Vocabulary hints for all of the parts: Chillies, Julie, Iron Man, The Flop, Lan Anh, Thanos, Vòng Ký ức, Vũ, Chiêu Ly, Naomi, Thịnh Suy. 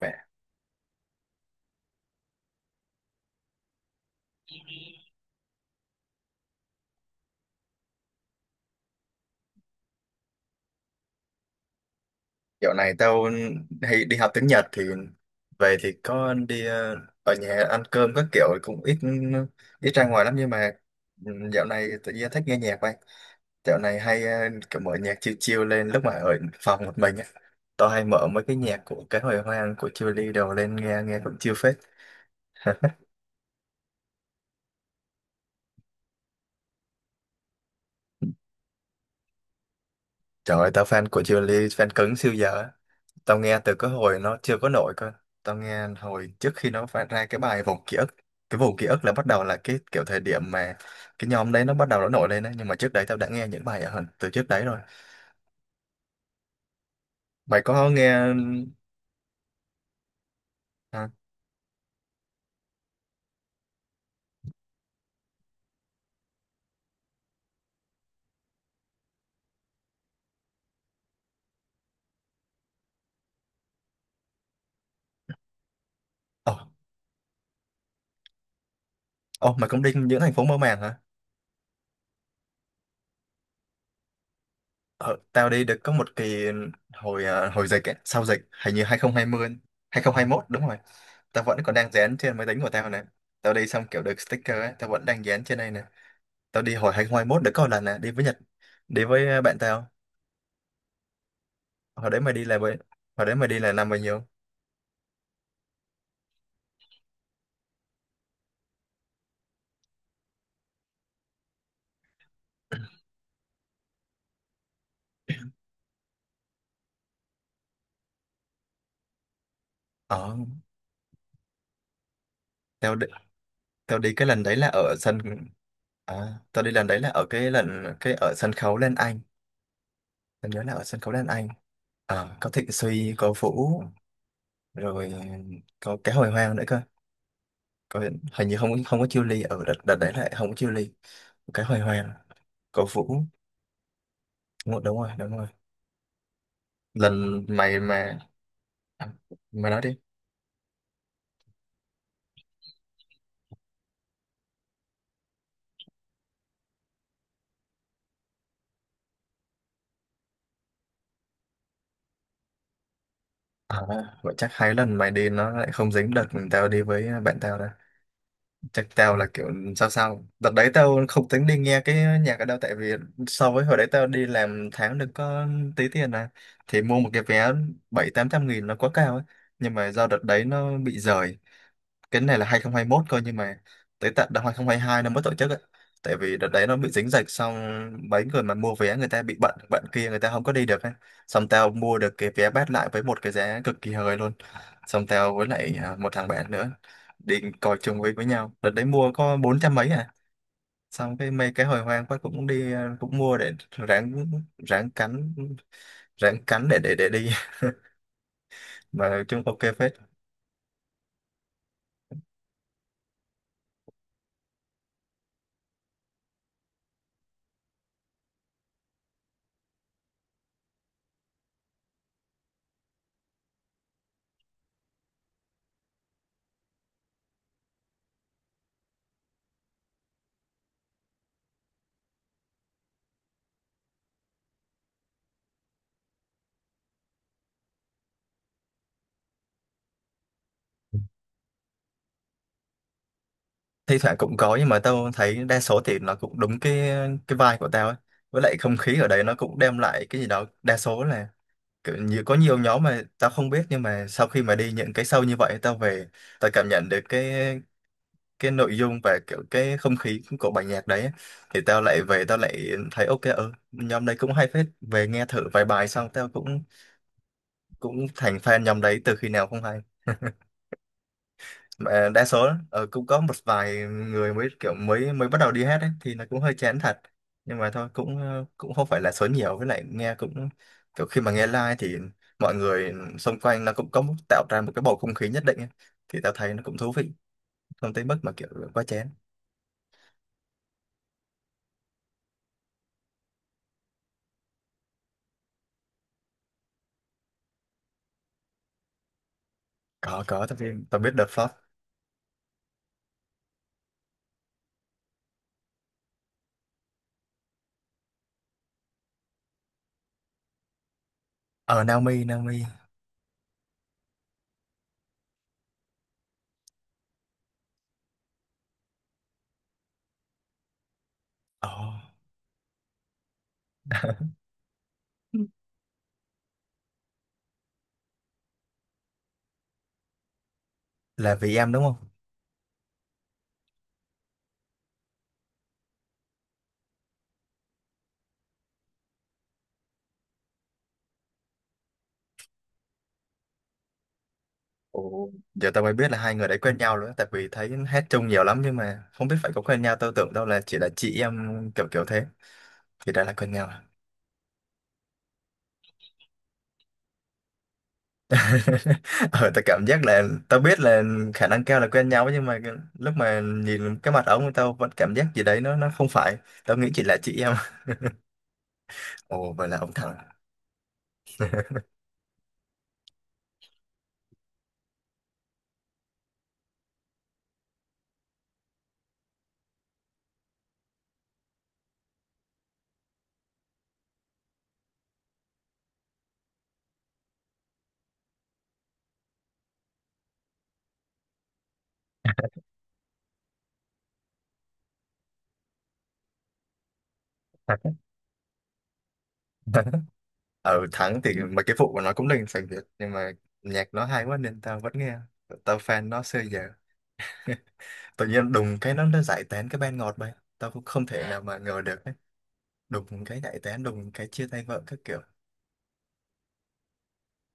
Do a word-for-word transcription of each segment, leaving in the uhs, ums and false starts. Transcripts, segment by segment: Mẹ, dạo này tao hay đi học tiếng Nhật thì về thì có đi ờ, ở nhà ăn cơm các kiểu cũng ít ít ra ngoài lắm nhưng mà ừ, dạo này tự nhiên thích nghe nhạc vậy. Dạo này hay ờ, kiểu mở nhạc chill chill lên lúc mà ở phòng một mình á. Tao hay mở mấy cái nhạc của cái hồi hoang của Chillies đồ lên nghe nghe cũng chill phết. Trời ơi, tao fan của Julie, fan cứng siêu giờ á. Tao nghe từ cái hồi nó chưa có nổi cơ. Tao nghe hồi trước khi nó phát ra cái bài Vòng Ký ức. Cái Vòng Ký ức là bắt đầu là cái kiểu thời điểm mà cái nhóm đấy nó bắt đầu nó nổi lên đấy. Nhưng mà trước đấy tao đã nghe những bài ở hơn từ trước đấy rồi. Mày có nghe... À, ồ, ồ, mày cũng đi những thành phố mơ màng hả? Ờ, tao đi được có một kỳ hồi à, hồi dịch ấy, sau dịch, hình như hai không hai không, hai không hai mốt đúng rồi. Tao vẫn còn đang dán trên máy tính của tao này. Tao đi xong kiểu được sticker ấy, tao vẫn đang dán trên đây nè. Tao đi hồi hai không hai mốt đã có một lần nè, đi với Nhật, đi với ờ, bạn tao. Hồi đấy mày đi là với, hồi đấy mày đi là năm bao nhiêu? ờ tao đi, tao đi cái lần đấy là ở sân, à, tao đi lần đấy là ở cái lần cái ở sân khấu Lan Anh, tao nhớ là ở sân khấu Lan Anh. Ờ, có Thịnh Suy, có Vũ rồi, có cái hồi hoang nữa cơ. Có, hình như không không có Chiêu Ly ở đợt, đợt đấy lại không có Chiêu Ly, cái hồi hoang, có Vũ. Đúng rồi đúng rồi đúng rồi. Lần mày mà, à, mày nói đi. À, vậy chắc hai lần mày đi nó lại không dính đợt mình tao đi với bạn tao. Chắc tao là kiểu sao sao. Đợt đấy tao không tính đi nghe cái nhạc ở đâu. Tại vì so với hồi đấy tao đi làm tháng được có tí tiền à. Thì mua một cái vé bảy tám trăm nghìn nó quá cao ấy. Nhưng mà do đợt đấy nó bị rời. Cái này là hai không hai mốt coi nhưng mà tới tận năm hai không hai hai nó mới tổ chức ấy. Tại vì đợt đấy nó bị dính dịch, xong mấy người mà mua vé người ta bị bận, bận kia người ta không có đi được ấy. Xong tao mua được cái vé bát lại với một cái giá cực kỳ hời luôn. Xong tao với lại à, một thằng bạn nữa định còi trùng với với nhau, đợt đấy mua có bốn trăm mấy à. Xong cái mấy cái hồi hoang quá cũng đi, ờ, cũng mua để ráng, ráng cắn, ráng cắn để để để đi. Mà nói chung ok phết. Thi thoảng cũng có nhưng mà tao thấy đa số thì nó cũng đúng cái cái vibe của tao ấy. Với lại không khí ở đấy nó cũng đem lại cái gì đó, đa số là kiểu như có nhiều nhóm mà tao không biết nhưng mà sau khi mà đi những cái show như vậy tao về, tao cảm nhận được cái cái nội dung và kiểu cái không khí của bài nhạc đấy á, thì tao lại về tao lại thấy ok, ừ, nhóm đấy cũng hay phết, về nghe thử vài bài xong tao cũng cũng thành fan nhóm đấy từ khi nào không hay. Mà đa số ờ, cũng có một vài người mới kiểu mới mới bắt đầu đi hát ấy, thì nó cũng hơi chán thật. Nhưng mà thôi cũng ờ, cũng không phải là số nhiều, với lại nghe cũng kiểu khi mà nghe live thì mọi người xung quanh nó cũng có tạo ra một cái bầu không khí nhất định ấy. Thì tao thấy nó cũng thú vị, không tới mức mà kiểu quá chén. có có tao biết, tao biết The Flop. Ờ, Naomi, Naomi. Ờ, là vì em đúng không? Ồ. Giờ tao mới biết là hai người đấy quen nhau nữa, tại vì thấy hát chung nhiều lắm nhưng mà không biết phải có quen nhau, tao tưởng đâu là chỉ là chị em kiểu kiểu thế, thì đã là quen nhau à? Ờ tao cảm giác là, tao biết là khả năng cao là quen nhau nhưng mà cái-, lúc mà nhìn cái mặt ông tao vẫn cảm giác gì đấy nó nó không phải, tao nghĩ chỉ là chị em. Ồ vậy là ông thắng. Ở thắng thì mà cái vụ của nó cũng linh sành Việt nhưng mà nhạc nó hay quá nên tao vẫn nghe, tao fan nó xưa giờ. Tự nhiên đùng cái nó nó giải tán cái ban ngọt bay, tao cũng không thể nào mà ngờ được ấy. Đùng cái giải tán, đùng cái chia tay vợ các kiểu,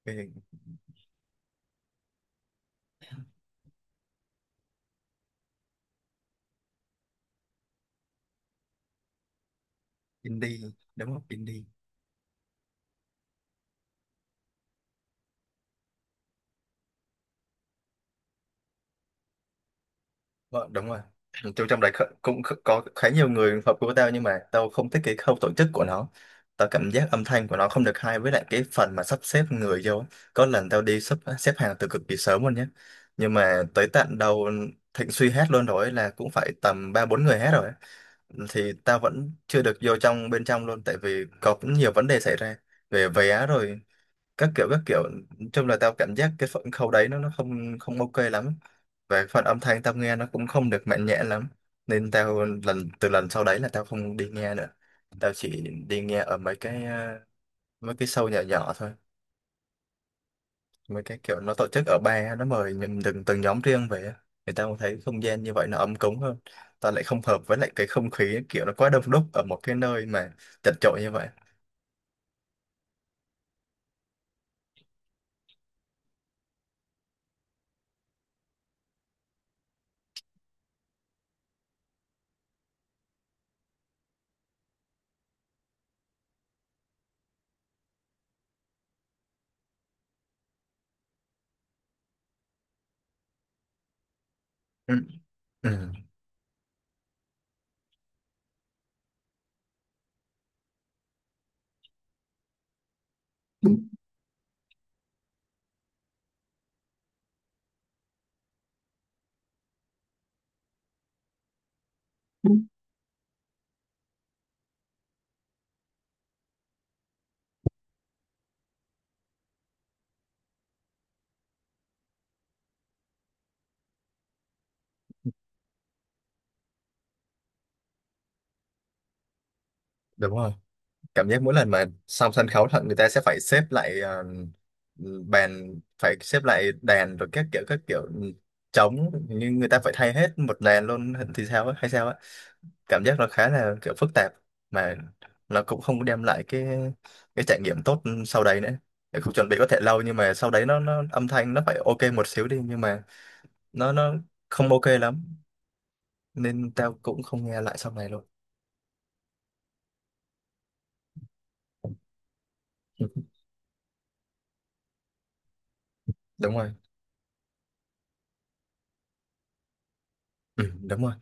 cái hình. Indie đúng không, indie. Vợ đúng rồi. Tôi trong đấy kh- cũng kh- có khá nhiều người hợp của tao nhưng mà tao không thích cái khâu tổ chức của nó. Tao cảm giác âm thanh của nó không được hay, với lại cái phần mà sắp xếp người vô ấy. Có lần tao đi xếp xếp hàng từ cực kỳ sớm luôn nhé, nhưng mà tới tận đầu Thịnh Suy hát luôn rồi ấy, là cũng phải tầm ba bốn người hát rồi ấy. Thì tao vẫn chưa được vô trong bên trong luôn, tại vì có cũng nhiều vấn đề xảy ra về vé rồi các kiểu các kiểu. Nói chung là tao cảm giác cái phần khâu đấy nó nó không không ok lắm, và cái phần âm thanh tao nghe nó cũng không được mạnh mẽ lắm, nên tao lần từ lần sau đấy là tao không đi nghe nữa. Tao chỉ đi nghe ở mấy cái ờ, mấy cái show nhỏ nhỏ thôi, mấy cái kiểu nó tổ chức ở ba nó mời những từng từng nhóm riêng về á. Người ta cũng thấy không gian như vậy nó ấm cúng hơn. Ta lại không hợp với lại cái không khí kiểu nó quá đông đúc ở một cái nơi mà chật chội như vậy. Ừ. Ừ. Đúng rồi, cảm giác mỗi lần mà xong sân khấu thật người ta sẽ phải xếp lại, ờ, bàn phải xếp lại đàn rồi các kiểu các kiểu, ừ, trống, như người ta phải thay hết một đàn luôn thì sao á hay sao á? Cảm giác nó khá là kiểu phức tạp mà nó cũng không đem lại cái cái trải nghiệm tốt sau đấy nữa. Để không, chuẩn bị có thể lâu nhưng mà sau đấy nó nó âm thanh nó phải ok một xíu đi, nhưng mà nó nó không ok lắm, nên tao cũng không nghe lại sau này luôn. Đúng rồi. Ừ, đúng rồi.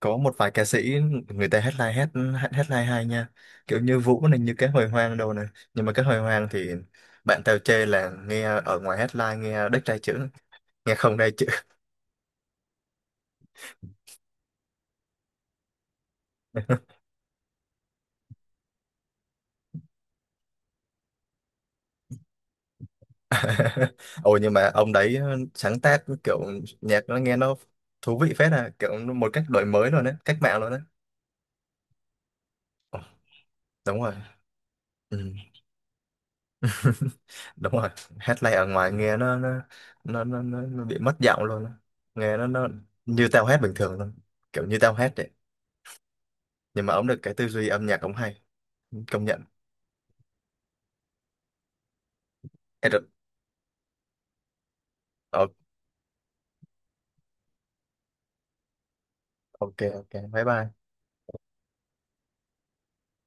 Có một vài ca sĩ người ta headline hát, hát headline hay nha, kiểu như Vũ này, như cái hồi hoang đâu này. Nhưng mà cái hồi hoang thì bạn tao chê là nghe ở ngoài headline nghe đếch tai chữ, nghe không tai chữ. Ồ nhưng mà ông đấy ờ, sáng tác kiểu nhạc nó nghe nó thú vị phết à, kiểu một cách đổi mới luôn đấy, cách mạng luôn đấy. Ồ, đúng rồi. Ừ. Đúng rồi, hát live ở ngoài nghe nó nó nó nó, nó, nó bị mất giọng luôn á. Nghe nó nó như tao hát bình thường luôn, kiểu như tao hát vậy. Nhưng mà ông được cái tư duy âm nhạc ông hay, công nhận. Ê, được. Ờ, ok, ok, bye bye.